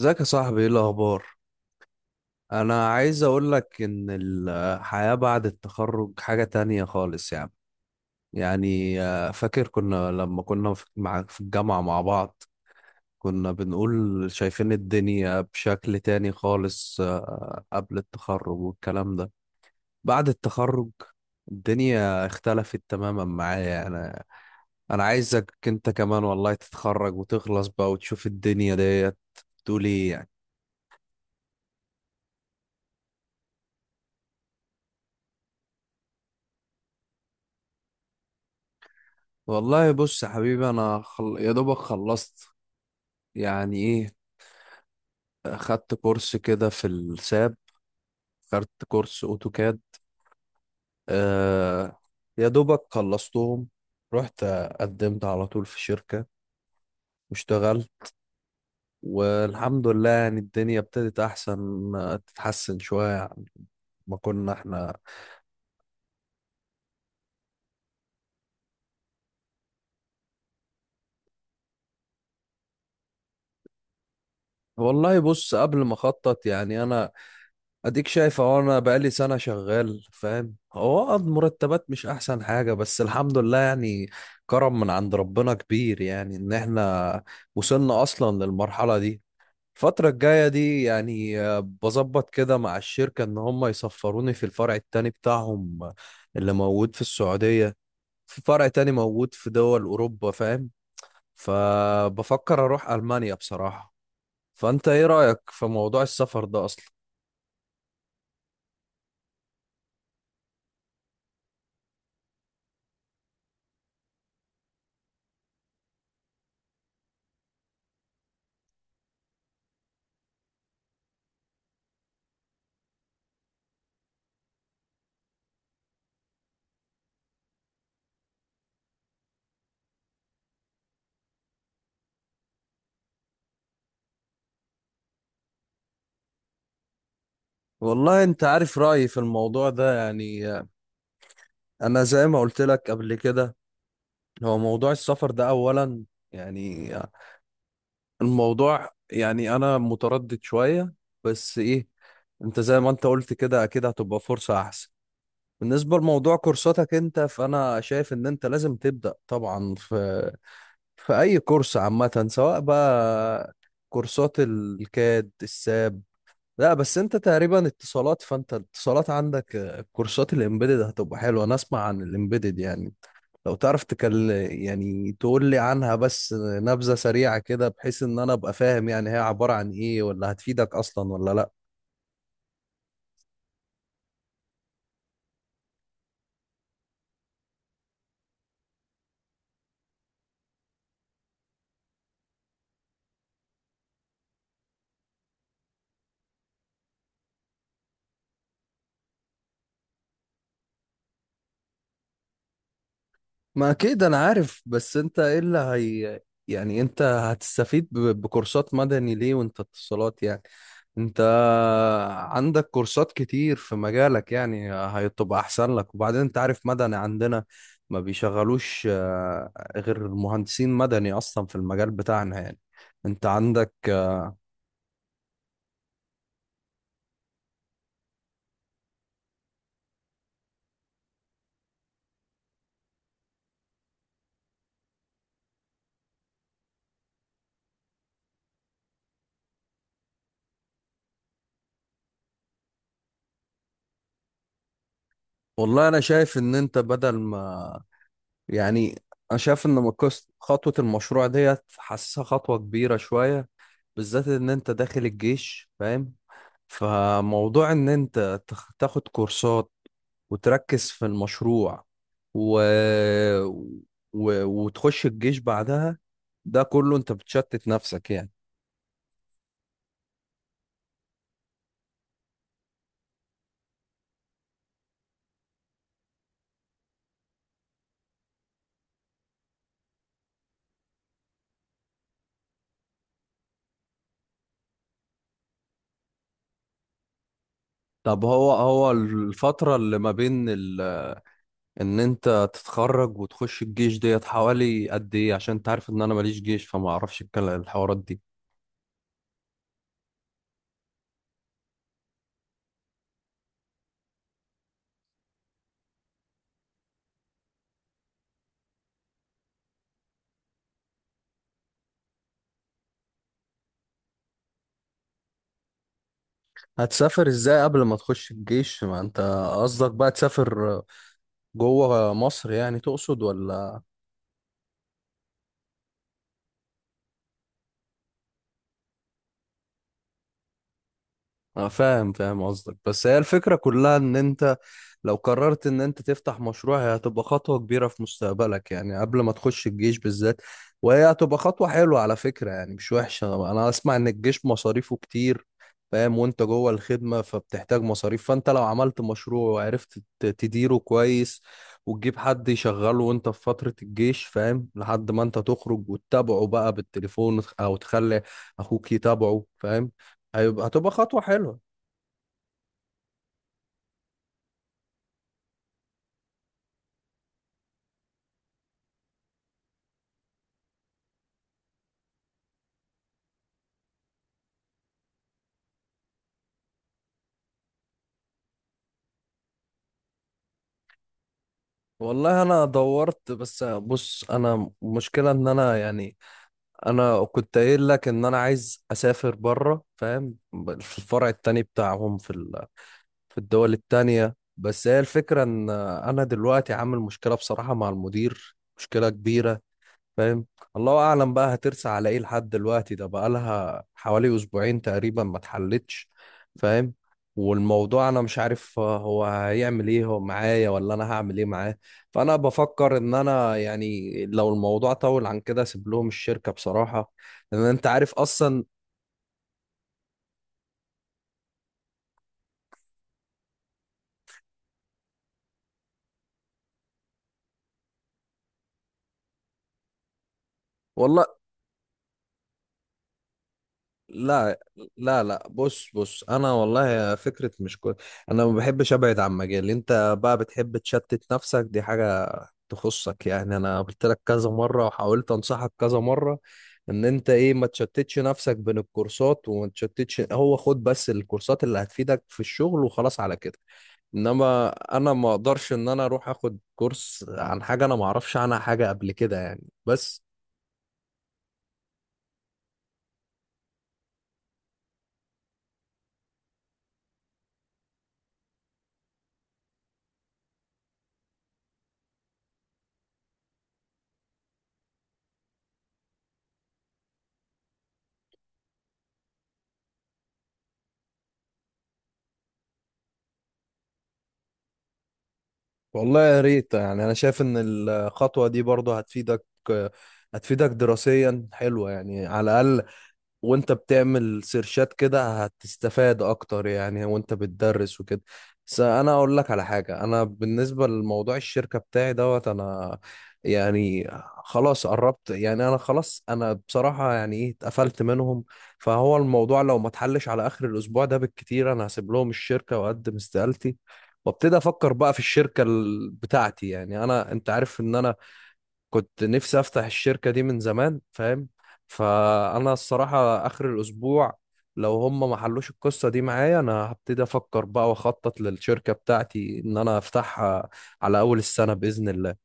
ازيك يا صاحبي؟ ايه الاخبار؟ انا عايز اقول لك ان الحياة بعد التخرج حاجة تانية خالص يعني فاكر كنا لما كنا في الجامعة مع بعض، كنا بنقول شايفين الدنيا بشكل تاني خالص، قبل التخرج والكلام ده. بعد التخرج الدنيا اختلفت تماما معايا انا. انا عايزك انت كمان والله تتخرج وتخلص بقى وتشوف الدنيا ديت. تقول ايه يعني؟ والله بص يا حبيبي، يا دوبك خلصت. يعني ايه، خدت كورس كده في الساب، خدت كورس اوتوكاد، آه... يا دوبك خلصتهم. رحت، قدمت على طول في شركة واشتغلت. والحمد لله يعني الدنيا ابتدت احسن آه، تتحسن شوية عن ما كنا احنا. والله بص قبل ما اخطط يعني انا، اديك شايف اهو، انا بقالي سنة شغال فاهم. هو المرتبات مش احسن حاجة بس الحمد لله يعني كرم من عند ربنا كبير يعني ان احنا وصلنا اصلا للمرحلة دي. الفترة الجاية دي يعني بظبط كده مع الشركة ان هم يسفروني في الفرع التاني بتاعهم اللي موجود في السعودية. في فرع تاني موجود في دول اوروبا فاهم، فبفكر اروح المانيا بصراحة. فانت ايه رأيك في موضوع السفر ده اصلا؟ والله انت عارف رأيي في الموضوع ده يعني، انا زي ما قلت لك قبل كده. هو موضوع السفر ده اولا، يعني الموضوع، يعني انا متردد شوية بس ايه، انت زي ما انت قلت كده اكيد هتبقى فرصة احسن. بالنسبة لموضوع كورساتك انت، فانا شايف ان انت لازم تبدأ طبعا في اي كورس عامة سواء بقى كورسات الكاد الساب. لا بس انت تقريبا اتصالات، فانت الاتصالات عندك كورسات الامبيدد هتبقى حلوه. انا اسمع عن الامبيدد يعني، لو تعرف يعني تقول لي عنها بس نبذه سريعه كده بحيث ان انا ابقى فاهم يعني هي عباره عن ايه، ولا هتفيدك اصلا ولا لا؟ ما اكيد انا عارف، بس انت ايه اللي هي، يعني انت هتستفيد بكورسات مدني ليه وانت اتصالات يعني؟ انت عندك كورسات كتير في مجالك يعني هتبقى احسن لك. وبعدين انت عارف مدني عندنا ما بيشغلوش غير مهندسين مدني اصلا في المجال بتاعنا يعني. انت عندك والله انا شايف ان انت بدل ما، يعني، انا شايف ان خطوة المشروع ديت حاسسها خطوة كبيرة شوية بالذات ان انت داخل الجيش فاهم. فموضوع ان انت تاخد كورسات وتركز في المشروع و... وتخش الجيش بعدها، ده كله انت بتشتت نفسك يعني. طب هو الفترة اللي ما بين ان انت تتخرج وتخش الجيش ديت حوالي قد ايه؟ عشان انت عارف ان انا ماليش جيش فما اعرفش الحوارات دي. هتسافر ازاي قبل ما تخش الجيش ما انت، قصدك بقى تسافر جوه مصر يعني تقصد ولا؟ أنا فاهم قصدك، بس هي الفكرة كلها ان انت لو قررت ان انت تفتح مشروع هي هتبقى خطوة كبيرة في مستقبلك يعني قبل ما تخش الجيش بالذات. وهي هتبقى خطوة حلوة على فكرة يعني مش وحشة. انا اسمع ان الجيش مصاريفه كتير فاهم، وانت جوه الخدمة فبتحتاج مصاريف. فانت لو عملت مشروع وعرفت تديره كويس وتجيب حد يشغله وانت في فترة الجيش فاهم لحد ما انت تخرج وتتابعه بقى بالتليفون او تخلي اخوك يتابعه فاهم. هتبقى خطوة حلوة. والله انا دورت، بس بص، انا مشكلة ان انا يعني، انا كنت قايل لك ان انا عايز اسافر بره فاهم، في الفرع التاني بتاعهم في في الدول التانية. بس هي الفكرة ان انا دلوقتي عامل مشكلة بصراحة مع المدير، مشكلة كبيرة فاهم. الله اعلم بقى هترسى على ايه لحد دلوقتي، ده بقالها حوالي اسبوعين تقريبا ما اتحلتش فاهم. والموضوع انا مش عارف هو هيعمل ايه هو معايا ولا انا هعمل ايه معاه. فانا بفكر ان انا يعني لو الموضوع طول عن كده اسيب لهم الشركة بصراحة، لان انت عارف اصلا. والله لا، لا، لا، بص بص انا والله فكرة مش كويس. انا ما بحبش ابعد عن مجالي. انت بقى بتحب تشتت نفسك، دي حاجة تخصك يعني. انا قلت لك كذا مره وحاولت انصحك كذا مره ان انت ايه، ما تشتتش نفسك بين الكورسات، وما تشتتش هو خد بس الكورسات اللي هتفيدك في الشغل وخلاص على كده. انما انا ما اقدرش ان انا اروح اخد كورس عن حاجه انا ما اعرفش عنها حاجه قبل كده يعني بس. والله يا ريت، يعني انا شايف ان الخطوه دي برضه هتفيدك. دراسيا حلوة يعني على الاقل. وانت بتعمل سيرشات كده هتستفاد اكتر يعني وانت بتدرس وكده. بس انا اقول لك على حاجة، انا بالنسبة لموضوع الشركة بتاعي دوت، انا يعني خلاص قربت يعني انا خلاص. انا بصراحة يعني ايه اتقفلت منهم. فهو الموضوع لو ما اتحلش على اخر الاسبوع ده بالكتير انا هسيب لهم الشركة واقدم استقالتي، وابتدي افكر بقى في الشركة بتاعتي. يعني انا، انت عارف ان انا كنت نفسي افتح الشركة دي من زمان فاهم. فانا الصراحة اخر الاسبوع لو هم ما حلوش القصة دي معايا، انا هبتدي افكر بقى واخطط للشركة بتاعتي ان انا افتحها على اول السنة باذن الله.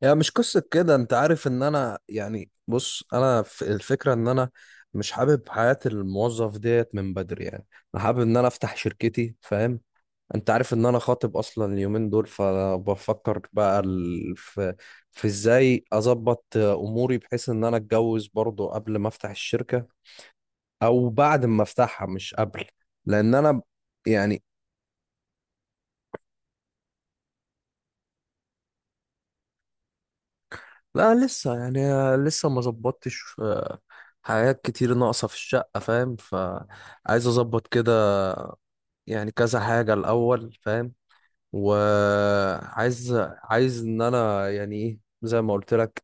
يعني مش قصة كده، انت عارف ان انا يعني بص، انا في الفكرة ان انا مش حابب حياة الموظف ديت من بدري يعني. انا حابب ان انا افتح شركتي فاهم. انت عارف ان انا خاطب اصلا اليومين دول، فبفكر بقى في ازاي اظبط اموري بحيث ان انا اتجوز برضو قبل ما افتح الشركة او بعد ما افتحها مش قبل. لان انا يعني، لا لسه يعني، لسه ما ظبطتش حاجات كتير ناقصة في الشقة فاهم، فعايز اظبط كده يعني كذا حاجة الاول فاهم. وعايز ان انا يعني ايه، زي ما قلت لك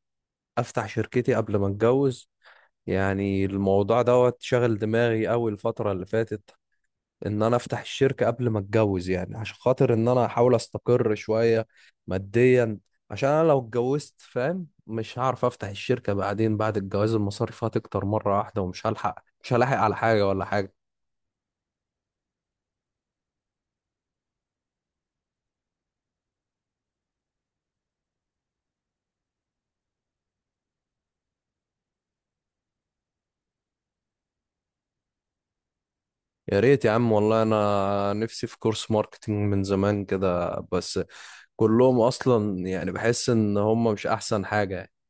افتح شركتي قبل ما اتجوز. يعني الموضوع دوت شغل دماغي أوي الفترة اللي فاتت، إن أنا أفتح الشركة قبل ما أتجوز، يعني عشان خاطر إن أنا أحاول أستقر شوية ماديا، عشان أنا لو اتجوزت فاهم مش هعرف أفتح الشركة بعدين. بعد الجواز المصاريف هتكتر مرة واحدة ومش هلحق مش هلاحق على حاجة ولا حاجة. يا ريت يا عم، والله أنا نفسي في كورس ماركتينج من زمان كده، بس كلهم أصلا يعني بحس إن هم مش أحسن حاجة.